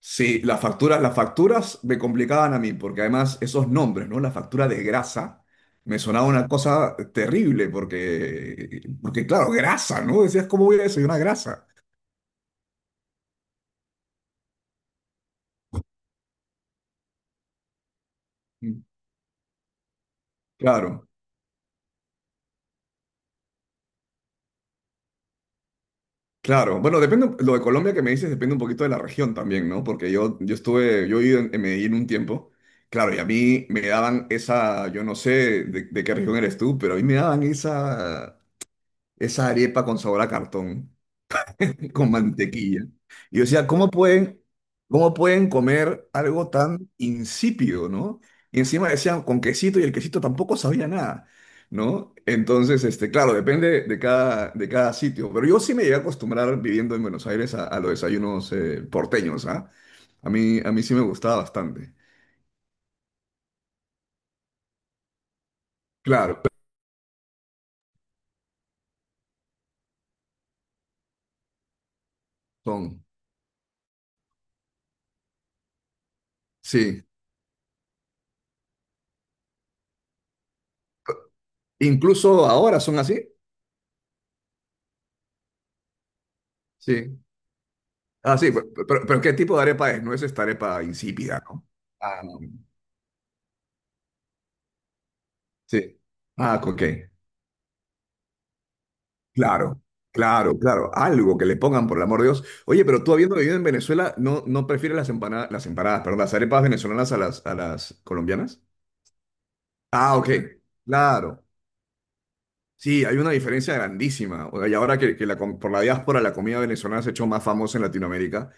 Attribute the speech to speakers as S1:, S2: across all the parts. S1: Sí, las facturas me complicaban a mí, porque además esos nombres, ¿no? La factura de grasa me sonaba una cosa terrible, porque claro, grasa, ¿no? Decías, ¿cómo voy a desayunar grasa? Mm, claro, claro. Bueno, depende, lo de Colombia que me dices depende un poquito de la región también, ¿no? Porque yo estuve, yo viví en, Medellín un tiempo, claro, y a mí me daban esa, yo no sé de, qué región eres tú, pero a mí me daban esa arepa con sabor a cartón. Con mantequilla. Y yo decía, ¿cómo pueden comer algo tan insípido, ¿no? Y encima decían con quesito y el quesito tampoco sabía nada, ¿no? Entonces, este, claro, depende de cada, sitio. Pero yo sí me llegué a acostumbrar viviendo en Buenos Aires a los desayunos porteños, ¿ah? A mí sí me gustaba bastante. Claro, son, sí. Incluso ahora son así, sí. Ah, sí, pero ¿qué tipo de arepa es? No es esta arepa insípida, ¿no? Ah, no. Sí. Ah, ok. Claro, claro, claro. Algo que le pongan, por el amor de Dios. Oye, pero tú habiendo vivido en Venezuela, ¿no, no prefieres las empanadas, perdón, las arepas venezolanas a las, colombianas? Ah, ok. Claro. Sí, hay una diferencia grandísima. O sea, y ahora que por la diáspora la comida venezolana se ha hecho más famosa en Latinoamérica,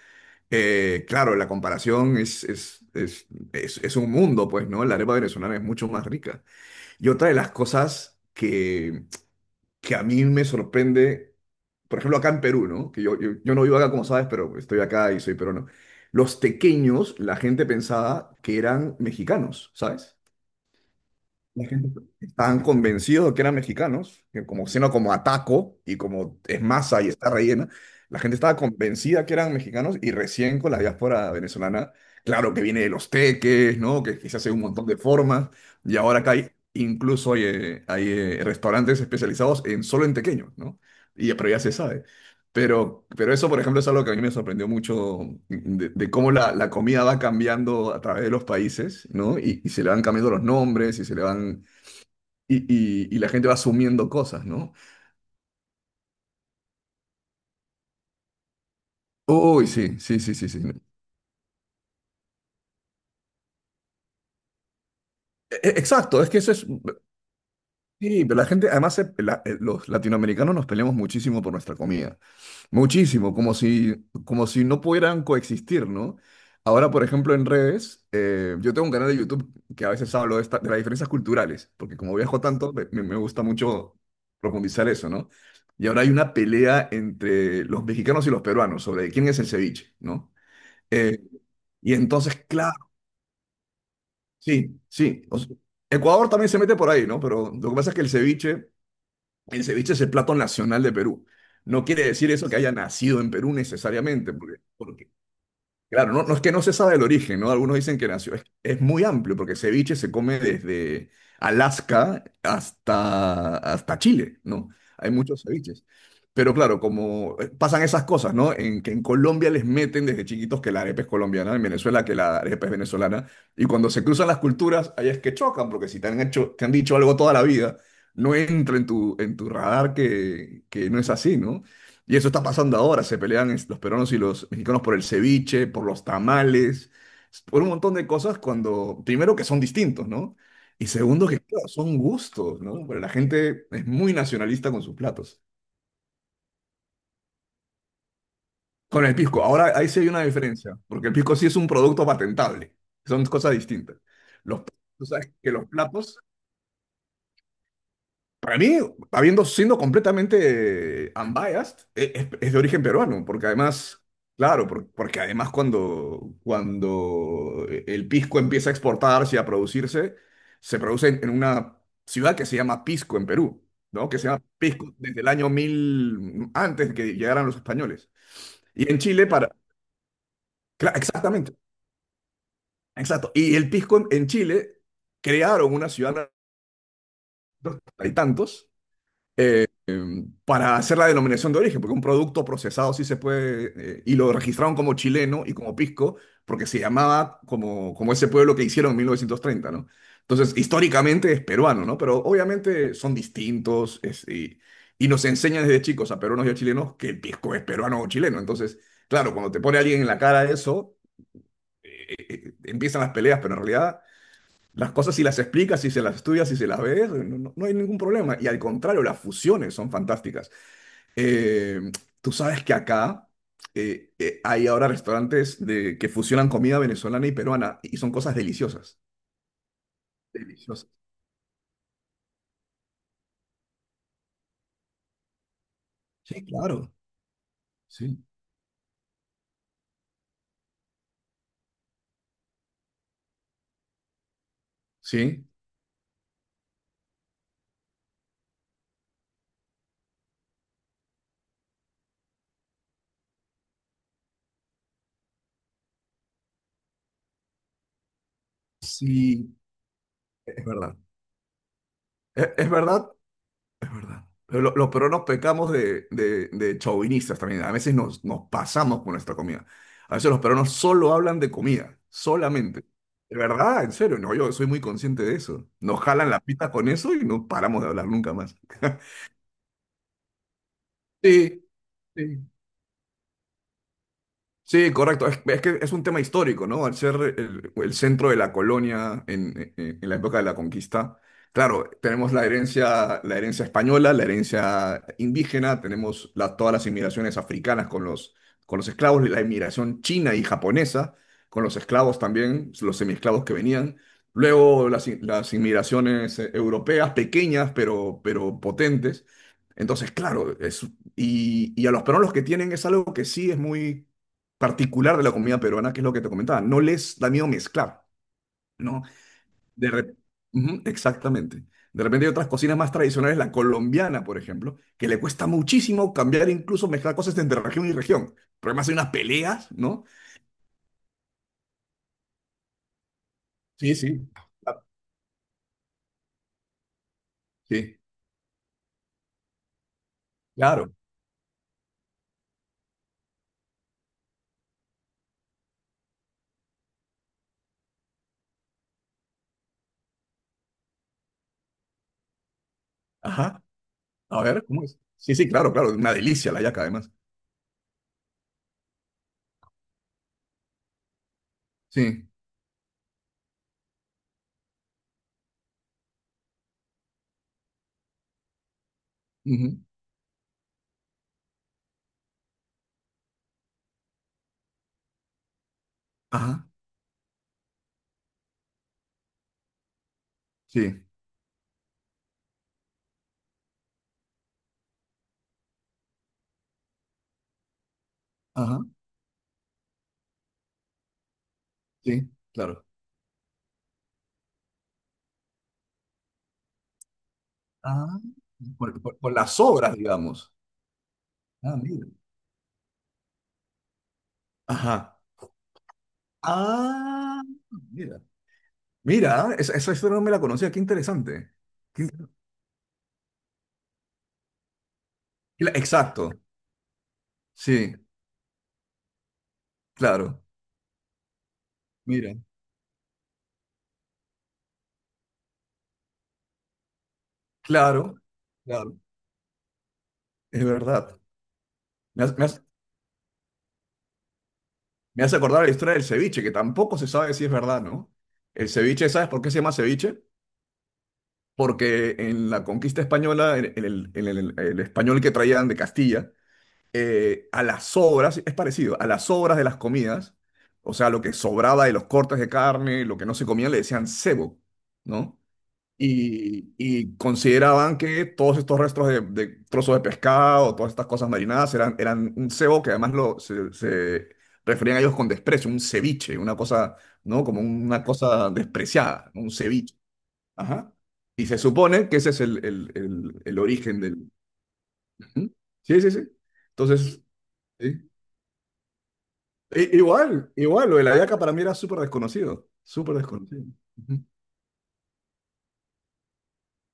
S1: claro, la comparación es un mundo, pues, ¿no? La arepa venezolana es mucho más rica. Y otra de las cosas que a mí me sorprende, por ejemplo, acá en Perú, ¿no? Que yo no vivo acá, como sabes, pero estoy acá y soy peruano. Los tequeños, la gente pensaba que eran mexicanos, ¿sabes? La gente estaban convencidos de que eran mexicanos, que como sino como ataco y como es masa y está rellena, la gente estaba convencida que eran mexicanos y recién con la diáspora venezolana, claro que viene de los teques, ¿no? Que se hace un montón de formas y ahora acá hay incluso hay restaurantes especializados en solo en tequeños, ¿no? Y pero ya se sabe. Pero eso, por ejemplo, es algo que a mí me sorprendió mucho de, cómo la comida va cambiando a través de los países, ¿no? Y se le van cambiando los nombres y se le van y, y la gente va asumiendo cosas, ¿no? Uy, sí, sí, sí, sí, sí. Exacto, es que eso es. Sí, pero la gente, además, los latinoamericanos nos peleamos muchísimo por nuestra comida. Muchísimo, como si no pudieran coexistir, ¿no? Ahora, por ejemplo, en redes, yo tengo un canal de YouTube que a veces hablo de las diferencias culturales, porque como viajo tanto, me gusta mucho profundizar eso, ¿no? Y ahora hay una pelea entre los mexicanos y los peruanos sobre quién es el ceviche, ¿no? Eh, Y entonces, claro, sí, sí. O sea, Ecuador también se mete por ahí, ¿no? Pero lo que pasa es que el ceviche, es el plato nacional de Perú. No quiere decir eso que haya nacido en Perú necesariamente, porque. Claro, no, no es que no se sabe el origen, ¿no? Algunos dicen que nació. Es muy amplio porque ceviche se come desde Alaska hasta Chile, ¿no? Hay muchos ceviches. Pero claro, como pasan esas cosas, ¿no? En que en Colombia les meten desde chiquitos que la arepa es colombiana, en Venezuela que la arepa es venezolana. Y cuando se cruzan las culturas, ahí es que chocan, porque si te han hecho, te han dicho algo toda la vida, no entra en tu, radar que no es así, ¿no? Y eso está pasando ahora. Se pelean los peruanos y los mexicanos por el ceviche, por los tamales, por un montón de cosas cuando, primero que son distintos, ¿no? Y segundo que, claro, son gustos, ¿no? Pero la gente es muy nacionalista con sus platos. Con el pisco, ahora ahí sí hay una diferencia, porque el pisco sí es un producto patentable, son cosas distintas. Los, Tú sabes que los platos. Para mí, habiendo siendo completamente unbiased, es de origen peruano, porque además, claro, porque además cuando, el pisco empieza a exportarse y a producirse, se produce en una ciudad que se llama Pisco en Perú, ¿no? Que se llama Pisco desde el año 1000 antes de que llegaran los españoles. Y en Chile, para. Exactamente, exacto. Y el pisco en, Chile crearon una ciudad de tantos para hacer la denominación de origen, porque un producto procesado sí se puede, y lo registraron como chileno y como pisco, porque se llamaba como ese pueblo que hicieron en 1930, ¿no? Entonces, históricamente es peruano, ¿no? Pero obviamente son distintos y nos enseñan desde chicos a peruanos y a chilenos que el pisco es peruano o chileno. Entonces, claro, cuando te pone alguien en la cara eso, empiezan las peleas, pero en realidad las cosas si las explicas, si se las estudias, si se las ves, no hay ningún problema. Y al contrario, las fusiones son fantásticas. Eh, Tú sabes que acá hay ahora restaurantes que fusionan comida venezolana y peruana y son cosas deliciosas. Deliciosas. Sí, claro. Sí. Sí. Sí, es verdad. Es verdad. Es verdad. Pero los peruanos pecamos de, chauvinistas también. A veces nos pasamos con nuestra comida. A veces los peruanos solo hablan de comida, solamente. De verdad, en serio. No, yo soy muy consciente de eso. Nos jalan la pita con eso y no paramos de hablar nunca más. Sí, sí. Sí, correcto. Es que es un tema histórico, ¿no? Al ser el, centro de la colonia en la época de la conquista, claro, tenemos la herencia española, la herencia indígena, tenemos todas las inmigraciones africanas con los esclavos, la inmigración china y japonesa con los esclavos también, los semiesclavos que venían. Luego las inmigraciones europeas, pequeñas pero potentes. Entonces, claro, es. Y a los peruanos que tienen es algo que sí es muy particular de la comida peruana, que es lo que te comentaba, no les da miedo mezclar, ¿no? De re- Ujú, exactamente. De repente hay otras cocinas más tradicionales, la colombiana, por ejemplo, que le cuesta muchísimo cambiar, incluso mezclar cosas entre región y región. Pero además hay unas peleas, ¿no? Sí, sí. Ah, sí, claro. Ajá. A ver, ¿cómo es? Sí, sí, claro, claro. Una delicia la yaca, además. Sí. Ujú. Ajá. Sí. Ajá. Sí, claro. Ah, por las obras, digamos. Ah, mira. Ajá. Ah, mira. Mira, esa historia no me la conocía, qué interesante. Exacto, sí, claro. Mira, claro, claro, es verdad. Me hace, me hace- me hace acordar la historia del ceviche, que tampoco se sabe si es verdad, ¿no? El ceviche, ¿sabes por qué se llama ceviche? Porque en la conquista española, el español que traían de Castilla, a las sobras, es parecido, a las sobras de las comidas, o sea, lo que sobraba de los cortes de carne, lo que no se comía, le decían cebo. ¿No? Y consideraban que todos estos restos de trozos de pescado, todas estas cosas marinadas, eran un cebo que además se referían a ellos con desprecio, un ceviche, una cosa, ¿no? Como una cosa despreciada, ¿no? Un ceviche. Ajá. Y se supone que ese es el, origen del. Ujú. Sí, sí, sí. Entonces, sí. Igual, lo de la yaca para mí era súper desconocido, súper desconocido. Ujú.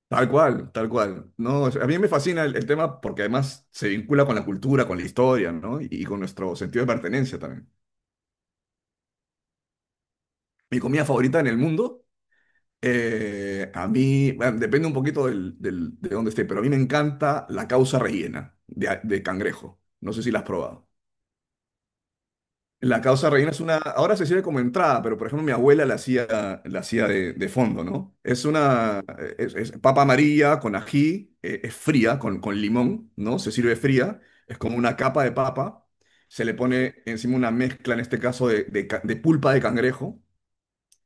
S1: Tal cual, tal cual. No, o sea, a mí me fascina el, tema porque además se vincula con la cultura, con la historia, ¿no? Y con nuestro sentido de pertenencia también. Mi comida favorita en el mundo, a mí, bueno, depende un poquito de dónde esté, pero a mí me encanta la causa rellena de cangrejo. No sé si la has probado. La causa reina es una, ahora se sirve como entrada, pero por ejemplo mi abuela la hacía, de fondo, ¿no? Es una, es papa amarilla con ají, es fría, con limón, ¿no? Se sirve fría, es como una capa de papa, se le pone encima una mezcla, en este caso, de pulpa de cangrejo,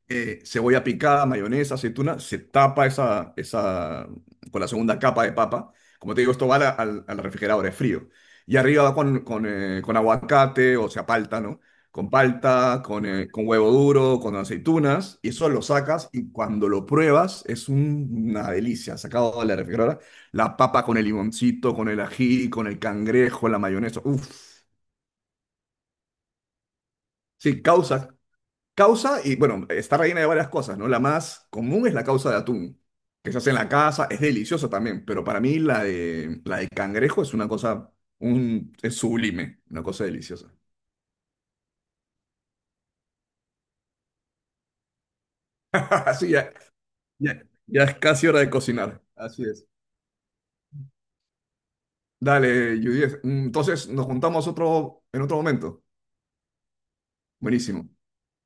S1: cebolla picada, mayonesa, aceituna, se tapa esa con la segunda capa de papa. Como te digo, esto va a al refrigerador, es frío. Y arriba va con aguacate, o sea, palta, ¿no? Con palta, con huevo duro, con aceitunas, y eso lo sacas y cuando lo pruebas es una delicia. Sacado de la refrigeradora, la papa con el limoncito, con el ají, con el cangrejo, la mayonesa. Uf, sí, causa, y bueno, está rellena de varias cosas, ¿no? La más común es la causa de atún, que se hace en la casa, es deliciosa también, pero para mí la de, cangrejo es una cosa, es sublime, una cosa deliciosa. Así ya, ya es casi hora de cocinar. Así es. Dale, Judith. Entonces nos juntamos en otro momento. Buenísimo.